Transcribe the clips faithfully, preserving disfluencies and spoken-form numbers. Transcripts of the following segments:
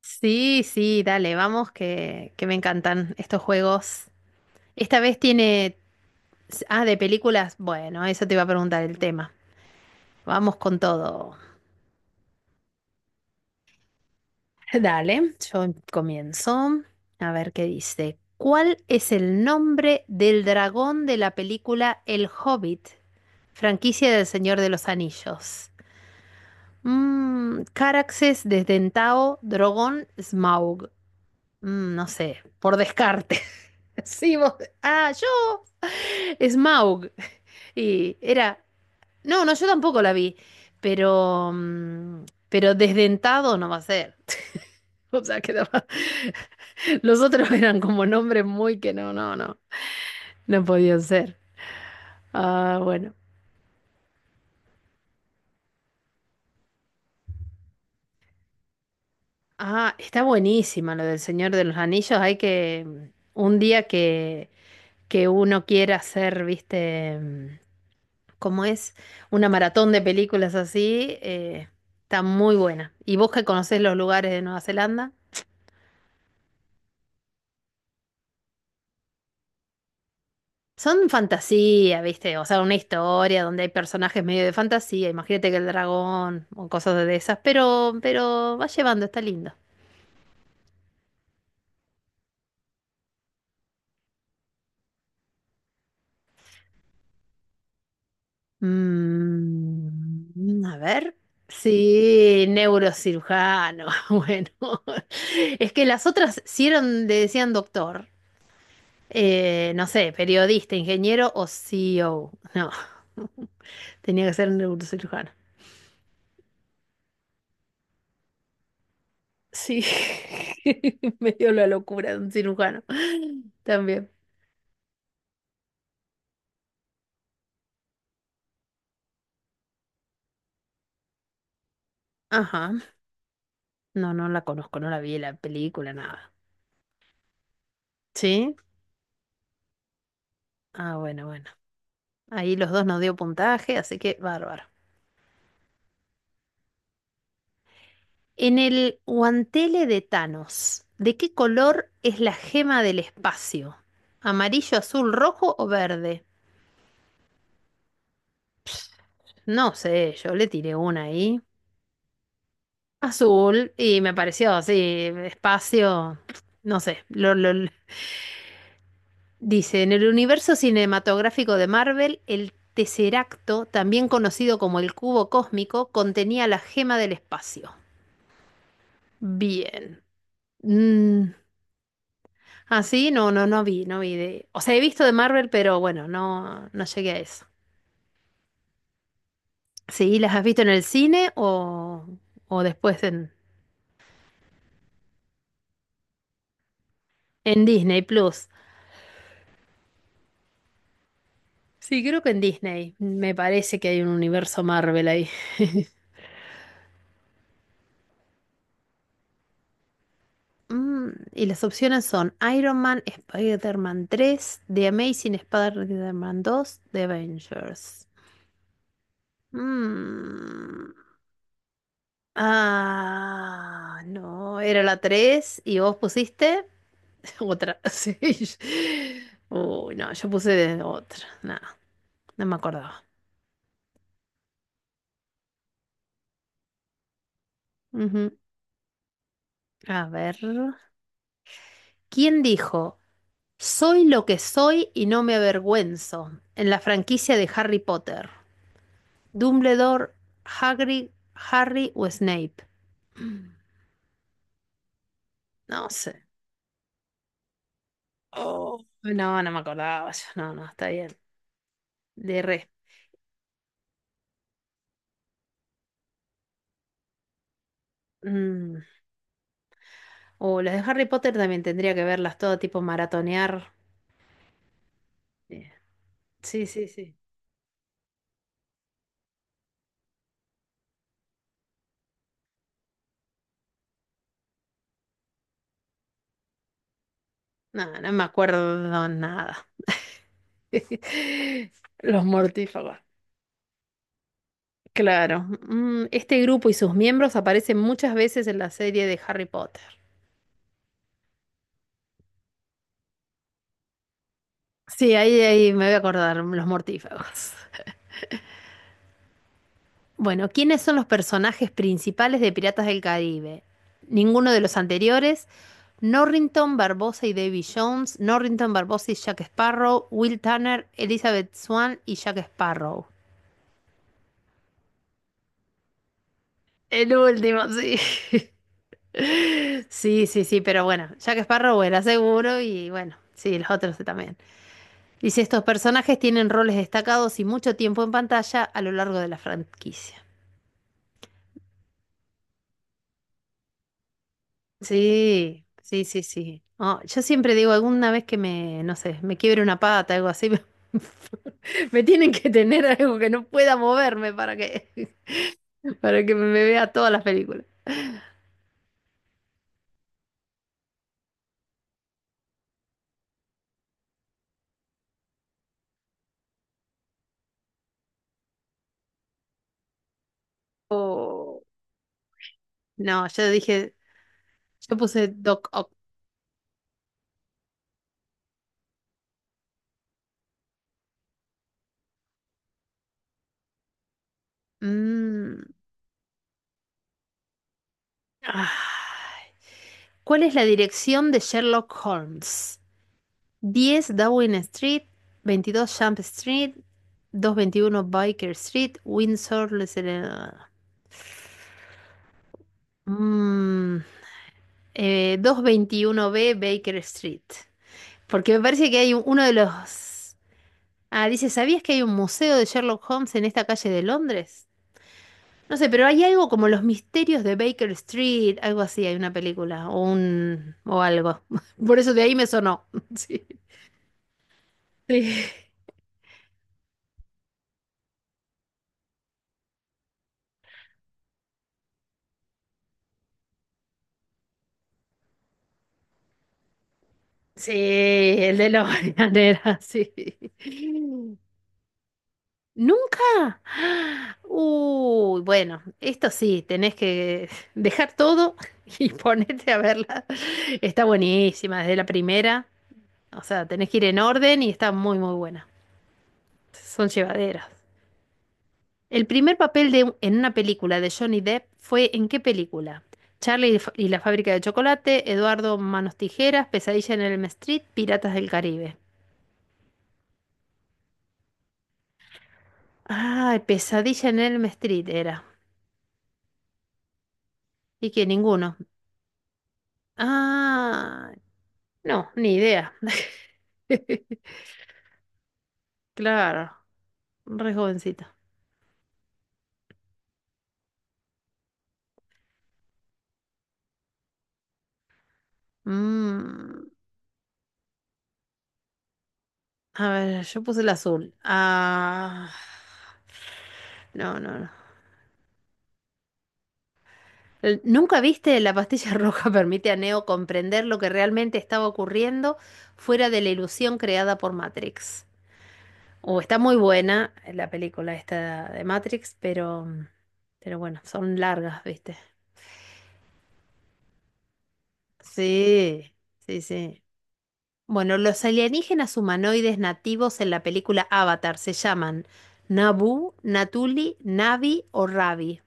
Sí, sí, dale, vamos, que, que me encantan estos juegos. Esta vez tiene... Ah, de películas. Bueno, eso te iba a preguntar el tema. Vamos con todo. Dale, yo comienzo. A ver qué dice. ¿Cuál es el nombre del dragón de la película El Hobbit, franquicia del Señor de los Anillos? Mm, Caraxes, Desdentado, Drogón, Smaug. Mm, no sé, por descarte. Sí, vos. Ah, yo. Smaug. Y era. No, no, yo tampoco la vi. Pero. mm, Pero desdentado no va a ser. O sea, quedaba. Los otros eran como nombres muy que no, no, no. No podían ser. Ah, bueno. Ah, está buenísima lo del Señor de los Anillos. Hay que. Un día que. Que uno quiera ser, viste. Mm, como es una maratón de películas así, eh, está muy buena. Y vos que conocés los lugares de Nueva Zelanda, son fantasía, ¿viste? O sea, una historia donde hay personajes medio de fantasía, imagínate que el dragón o cosas de esas, pero, pero va llevando, está lindo. Mm, a ver. Sí, neurocirujano. Bueno, es que las otras sí eran, le decían doctor. Eh, no sé, periodista, ingeniero o C E O. No, tenía que ser neurocirujano. Sí, me dio la locura de un cirujano. También. Ajá. No, no la conozco, no la vi la película, nada. ¿Sí? Ah, bueno, bueno. Ahí los dos nos dio puntaje, así que bárbaro. En el guantele de Thanos, ¿de qué color es la gema del espacio? ¿Amarillo, azul, rojo o verde? No sé, yo le tiré una ahí. Azul y me pareció así, espacio, no sé, lo, lo- lo- dice, en el universo cinematográfico de Marvel, el Tesseracto, también conocido como el cubo cósmico, contenía la gema del espacio. Bien. Mm, Así no, no, no vi, no vi de... O sea, he visto de Marvel, pero bueno, no, no llegué a eso. Sí, ¿las has visto en el cine o, o después en, en Disney Plus? Sí, creo que en Disney. Me parece que hay un universo Marvel ahí. Mm, y las opciones son Iron Man, Spider-Man tres, The Amazing Spider-Man dos, The Avengers. Mm, Ah, no, era la tres. Y vos pusiste otra. Sí. Uy, no, yo puse de otra. Nada, no me acordaba. Ujú. A ver. ¿Quién dijo? Soy lo que soy y no me avergüenzo en la franquicia de Harry Potter. Dumbledore, Hagrid, Harry o Snape. No sé. Oh, no, no me acordaba. Yo. No, no, está bien. De re. Mm. O las de Harry Potter también tendría que verlas todo tipo maratonear. Eh, Sí, sí, sí. No, no me acuerdo nada. Los mortífagos. Claro. Mm, Este grupo y sus miembros aparecen muchas veces en la serie de Harry Potter. Sí, ahí, ahí me voy a acordar, los mortífagos. Bueno, ¿quiénes son los personajes principales de Piratas del Caribe? Ninguno de los anteriores. Norrington, Barbosa y Davy Jones. Norrington, Barbosa y Jack Sparrow. Will Turner, Elizabeth Swann y Jack Sparrow. El último, sí. Sí, sí, sí, pero bueno, Jack Sparrow era seguro y bueno, sí, los otros también. Dice, estos personajes tienen roles destacados y mucho tiempo en pantalla a lo largo de la franquicia. Sí, sí, sí, sí. Oh, yo siempre digo, alguna vez que me, no sé, me quiebre una pata, algo así, me, tienen que tener algo que no pueda moverme para que, para que me vea todas las películas. O- No, yo dije, yo puse Doc Ock. Mm, ah. ¿Cuál es la dirección de Sherlock Holmes? Diez Downing Street, veintidós Jump Street, doscientos veintiuno Baker Street, Windsor, Les... Mmm. Eh, doscientos veintiuno b Baker Street. Porque me parece que hay un- uno de los... Ah, dice, ¿sabías que hay un museo de Sherlock Holmes en esta calle de Londres? No sé, pero hay algo como los misterios de Baker Street, algo así, hay una película o un o algo. Por eso de ahí me sonó. Sí. Sí, sí, el de los era, sí. ¿Nunca? ¡Ah! Uy, bueno, esto sí, tenés que dejar todo y ponerte a verla. Está buenísima desde la primera. O sea, tenés que ir en orden y está muy, muy buena. Son llevaderas. El primer papel de, en una película de Johnny Depp fue ¿en qué película? Charlie y la fa- y la fábrica de chocolate, Eduardo Manos Tijeras, Pesadilla en Elm Street, Piratas del Caribe. Ay, Pesadilla en Elm Street era. Y que ninguno. Ah, no, ni idea. Claro, re jovencita. Mm, a ver, yo puse el azul. Ah, no, no, no. El- ¿Nunca viste la pastilla roja permite a Neo comprender lo que realmente estaba ocurriendo fuera de la ilusión creada por Matrix? O está muy buena la película esta de Matrix, pero, pero bueno, son largas, ¿viste? Sí, sí, sí. Bueno, los alienígenas humanoides nativos en la película Avatar se llaman Nabu, Natuli, Navi o Ravi.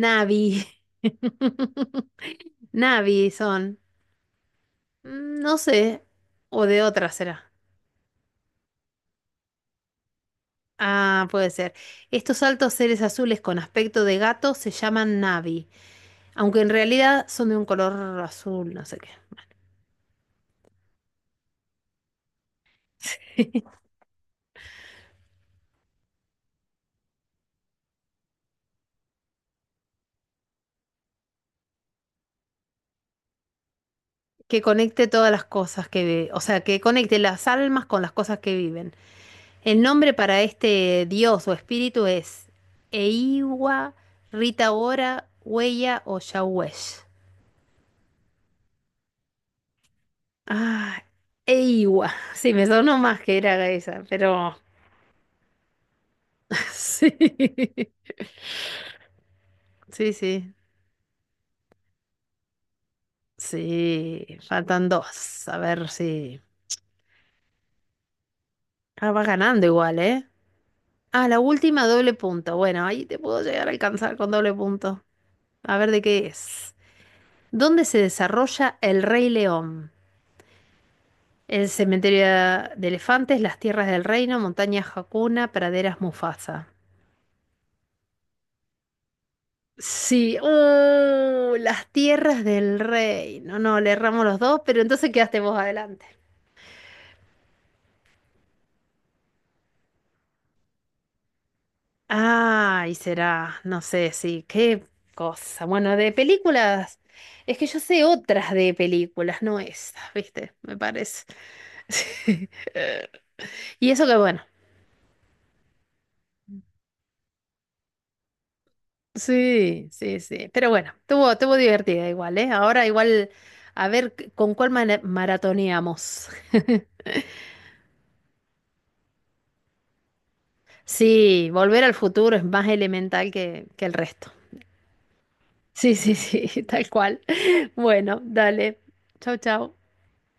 Navi. Navi son. Mm, No sé. O de otra será. Ah, puede ser. Estos altos seres azules con aspecto de gato se llaman Navi, aunque en realidad son de un color azul, no sé qué. Que conecte todas las cosas que ve, o sea, que conecte las almas con las cosas que viven. El nombre para este dios o espíritu es Eiwa, Ritaora, Huella o Yawesh. Ah, Eiwa. Sí, me sonó más que era esa, pero sí. Sí, sí. Sí, faltan dos. A ver si. Ah, va ganando igual, ¿eh? Ah, la última doble punto. Bueno, ahí te puedo llegar a alcanzar con doble punto. A ver de qué es. ¿Dónde se desarrolla el Rey León? El cementerio de elefantes, las tierras del reino, montañas Hakuna, praderas Mufasa. Sí, uh, las tierras del reino. No, le erramos los dos, pero entonces quedaste vos adelante. Ay, será, no sé, sí, qué cosa. Bueno, de películas, es que yo sé otras de películas, no esas, ¿viste? Me parece. Y eso que bueno, sí, sí, sí. Pero bueno, tuvo, tuvo divertida igual, ¿eh? Ahora igual, a ver c- con cuál mara- maratoneamos. Sí, Volver al Futuro es más elemental que, que el resto. Sí, sí, sí, tal cual. Bueno, dale. Chau, chau.